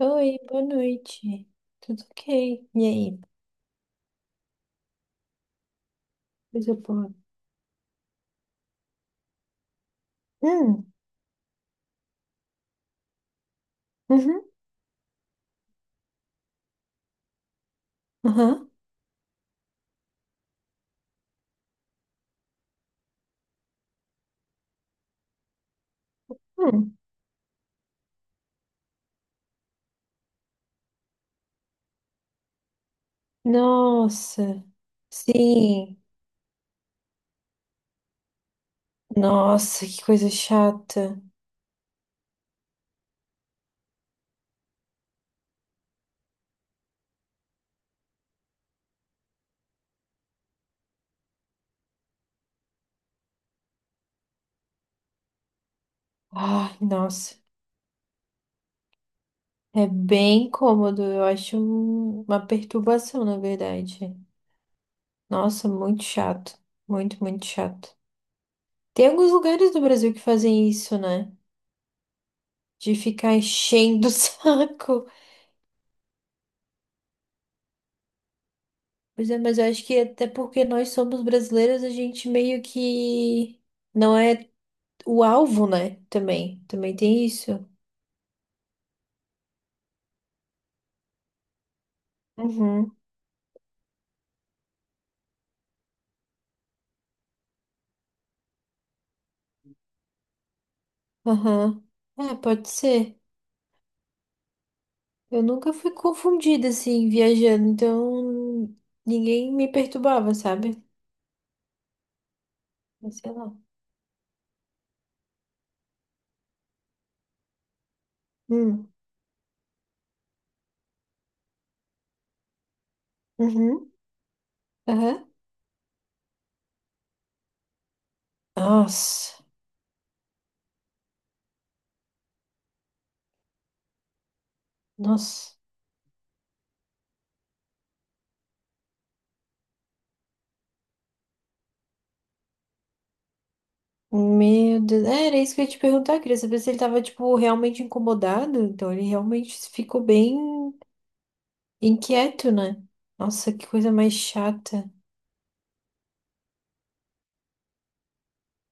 Oi, boa noite. Tudo ok? E aí? Coisa boa. Hum, uhum, aham, hum. Nossa, sim. Nossa, que coisa chata. Ai, nossa. É bem cômodo, eu acho uma perturbação, na verdade. Nossa, muito chato. Muito, muito chato. Tem alguns lugares do Brasil que fazem isso, né? De ficar enchendo o saco. Pois é, mas eu acho que até porque nós somos brasileiros, a gente meio que não é o alvo, né? Também. Também tem isso. Uhum. Aham. É, pode ser. Eu nunca fui confundida assim, viajando, então ninguém me perturbava, sabe? Mas sei lá. Hum. Uhum. Aham. Nossa. Nossa. Meu Deus. É, era isso que eu ia te perguntar, queria saber se ele tava, tipo, realmente incomodado. Então ele realmente ficou bem. Inquieto, né? Nossa, que coisa mais chata.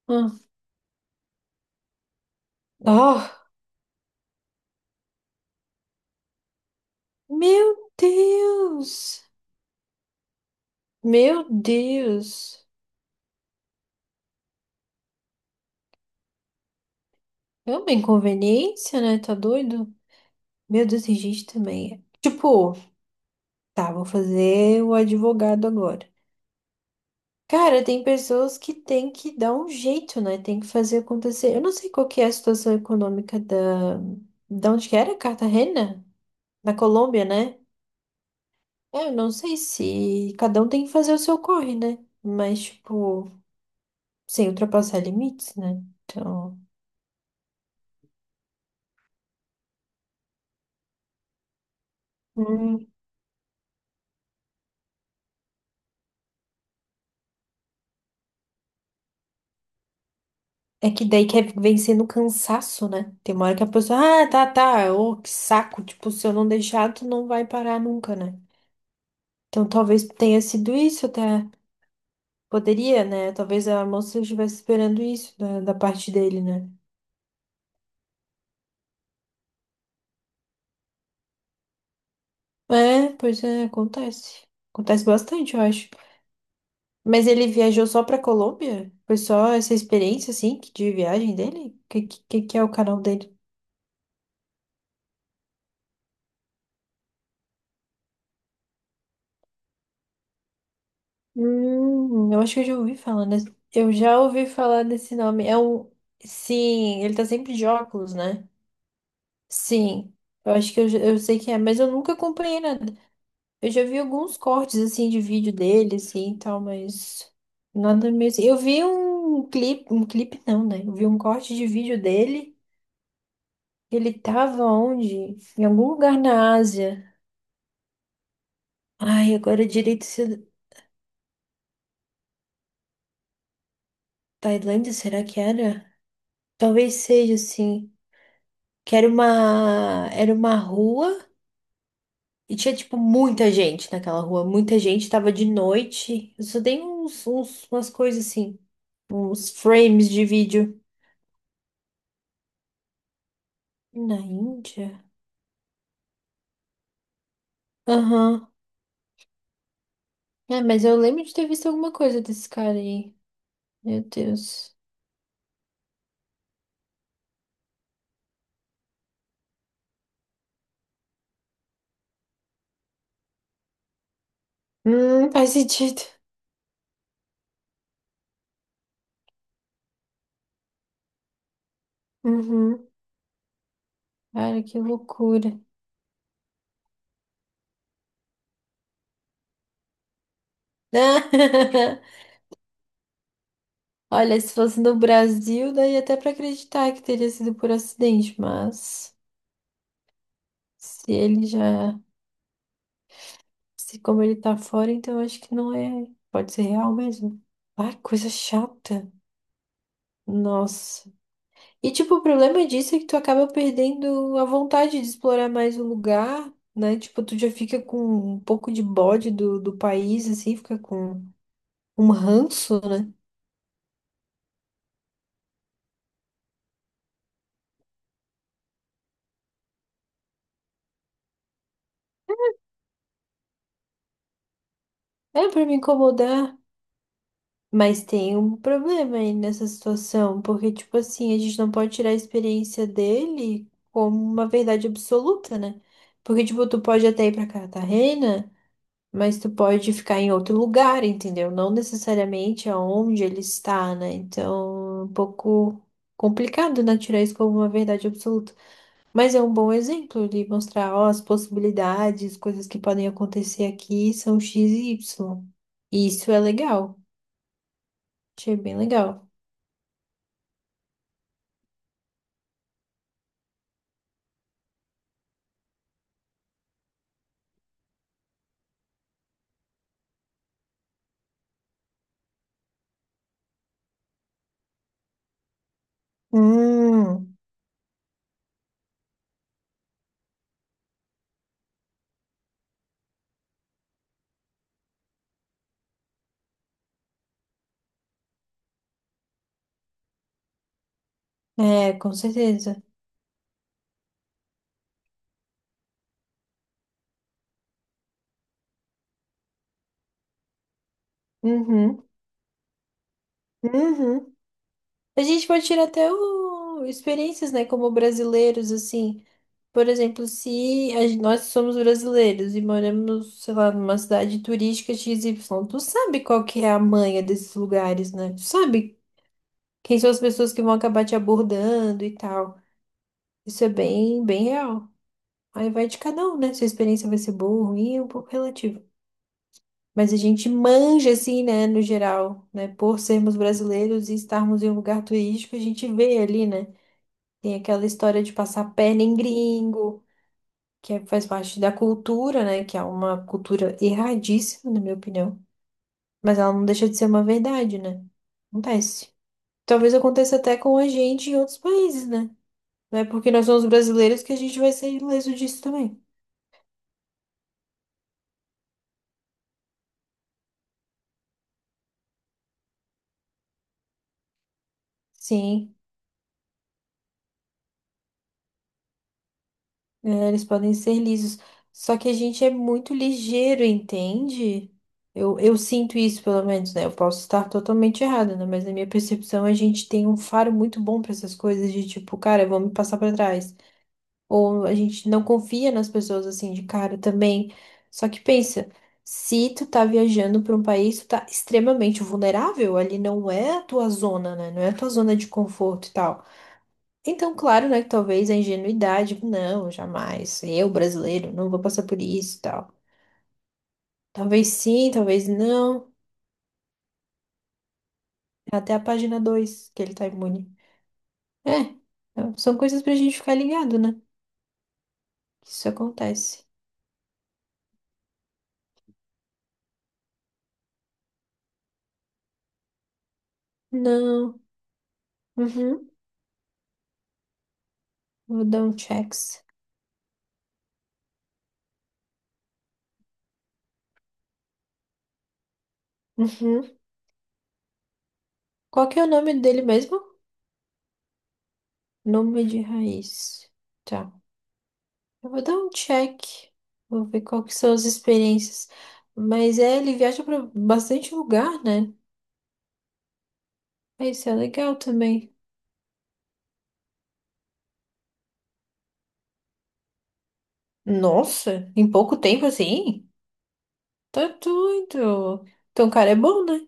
Ah. Oh, meu Deus! Meu Deus! É uma inconveniência, né? Tá doido? Meu Deus, tem gente também. Tipo, tá, vou fazer o advogado agora. Cara, tem pessoas que tem que dar um jeito, né? Tem que fazer acontecer. Eu não sei qual que é a situação econômica da... Da onde que era? Cartagena? Da Colômbia, né? É, eu não sei se cada um tem que fazer o seu corre, né? Mas, tipo, sem ultrapassar limites, né? Então. Hum. É que daí quer vencer no cansaço, né? Tem uma hora que a pessoa, ah, tá, tá, ô, que saco. Tipo, se eu não deixar, tu não vai parar nunca, né? Então talvez tenha sido isso até. Poderia, né? Talvez a moça estivesse esperando isso da parte dele, né? É, pois é, acontece. Acontece bastante, eu acho. Mas ele viajou só pra Colômbia? Foi só essa experiência, assim, de viagem dele? O que que é o canal dele? Eu acho que eu já ouvi falar nesse... Eu já ouvi falar desse nome. É um... Sim, ele tá sempre de óculos, né? Sim. Eu acho que eu sei quem é, mas eu nunca acompanhei nada. Eu já vi alguns cortes, assim, de vídeo dele, assim, e tal, mas... Nada mesmo. Eu vi um clipe... Um clipe não, né? Eu vi um corte de vídeo dele. Ele tava onde? Em algum lugar na Ásia. Ai, agora direito se. Tailândia, será que era? Talvez seja assim. Que era uma rua e tinha tipo muita gente naquela rua, muita gente, tava de noite. Eu só dei uns, uns umas coisas assim, uns frames de vídeo na Índia. Aham. É, mas eu lembro de ter visto alguma coisa desse cara aí. Meu Deus. Faz sentido. Uhum. Cara, que loucura. Olha, se fosse no Brasil, daí até pra acreditar que teria sido por acidente, mas se ele já, se como ele tá fora, então acho que não é, pode ser real mesmo. Ah, coisa chata. Nossa. E tipo, o problema disso é que tu acaba perdendo a vontade de explorar mais o lugar, né? Tipo, tu já fica com um pouco de bode do país, assim, fica com um ranço, né? É pra me incomodar. Mas tem um problema aí nessa situação, porque, tipo assim, a gente não pode tirar a experiência dele como uma verdade absoluta, né? Porque, tipo, tu pode até ir pra Cartagena, mas tu pode ficar em outro lugar, entendeu? Não necessariamente aonde ele está, né? Então, é um pouco complicado, né? Tirar isso como uma verdade absoluta. Mas é um bom exemplo de mostrar, ó, as possibilidades, coisas que podem acontecer aqui são X e Y. E isso é legal. Achei bem legal. Hum, é, com certeza. Uhum, uhum. A gente pode tirar até experiências, né, como brasileiros, assim. Por exemplo, se nós somos brasileiros e moramos, sei lá, numa cidade turística XY, tu sabe qual que é a manha desses lugares, né? Tu sabe quem são as pessoas que vão acabar te abordando e tal. Isso é bem, bem real. Aí vai de cada um, né? Se a experiência vai ser boa ou ruim, é um pouco relativo. Mas a gente manja, assim, né, no geral, né? Por sermos brasileiros e estarmos em um lugar turístico, a gente vê ali, né? Tem aquela história de passar a perna em gringo, faz parte da cultura, né? Que é uma cultura erradíssima, na minha opinião. Mas ela não deixa de ser uma verdade, né? Acontece. Talvez aconteça até com a gente em outros países, né? Não é porque nós somos brasileiros que a gente vai ser ileso disso também. Sim. É, eles podem ser lisos. Só que a gente é muito ligeiro, entende? Eu sinto isso, pelo menos, né? Eu posso estar totalmente errada, né? Mas na minha percepção, a gente tem um faro muito bom para essas coisas de tipo, cara, vamos passar para trás. Ou a gente não confia nas pessoas assim de cara também. Só que pensa, se tu tá viajando para um país, tu tá extremamente vulnerável. Ali não é a tua zona, né? Não é a tua zona de conforto e tal. Então, claro, né, que talvez a ingenuidade, não, jamais, eu brasileiro, não vou passar por isso e tal. Talvez sim, talvez não, até a página 2 que ele tá imune. É, é, são coisas pra gente ficar ligado, né? que Isso acontece. Não, uhum, vou dar um checks. Uhum. Qual que é o nome dele mesmo? Nome de raiz. Tá, eu vou dar um check, vou ver qual que são as experiências. Mas é, ele viaja pra bastante lugar, né? Ah, isso é legal também. Nossa, em pouco tempo assim? Tá doido. Então o cara é bom, né?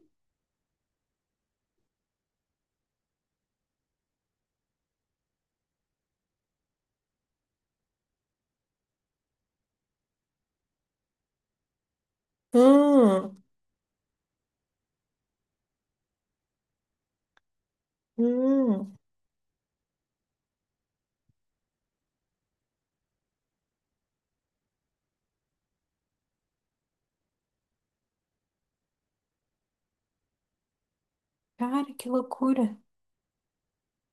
Hum, hum. Cara, que loucura.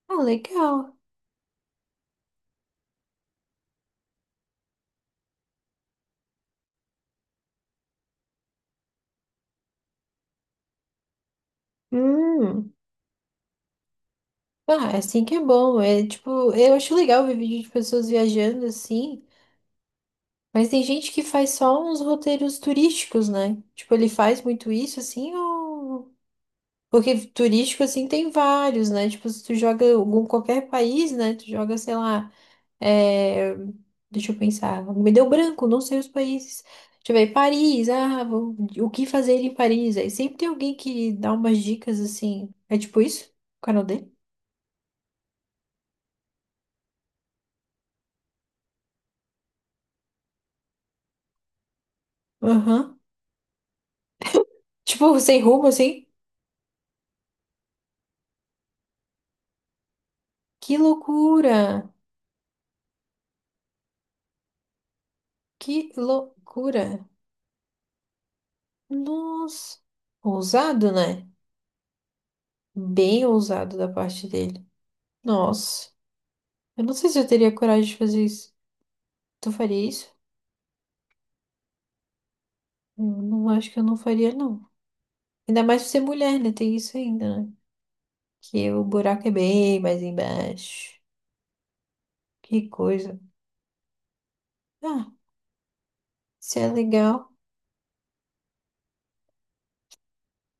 Ah, legal. Hum. Ah, é assim que é bom. É tipo, eu acho legal ver vídeo de pessoas viajando assim. Mas tem gente que faz só uns roteiros turísticos, né? Tipo, ele faz muito isso assim ou. Porque turístico assim tem vários, né? Tipo, se tu joga algum qualquer país, né? Tu joga, sei lá. É, deixa eu pensar. Me deu branco, não sei os países. Deixa eu ver, Paris, ah, o que fazer em Paris? Aí sempre tem alguém que dá umas dicas assim. É tipo isso? O canal dele? Aham. Tipo, sem rumo, assim? Que loucura! Que loucura! Nossa! Ousado, né? Bem ousado da parte dele. Nossa, eu não sei se eu teria coragem de fazer isso. Tu faria isso? Eu não acho que eu não faria, não. Ainda mais por ser mulher, né? Tem isso ainda, né, que o buraco é bem mais embaixo. Que coisa. Ah, isso é legal.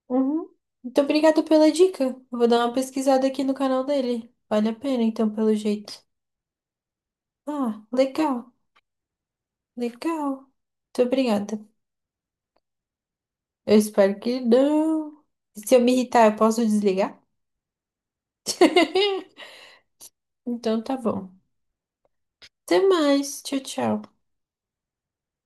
Uhum. Muito obrigada pela dica. Eu vou dar uma pesquisada aqui no canal dele. Vale a pena, então, pelo jeito. Ah, legal, legal. Muito obrigada. Eu espero que não. Se eu me irritar, eu posso desligar? Então tá bom. Até mais. Tchau, tchau.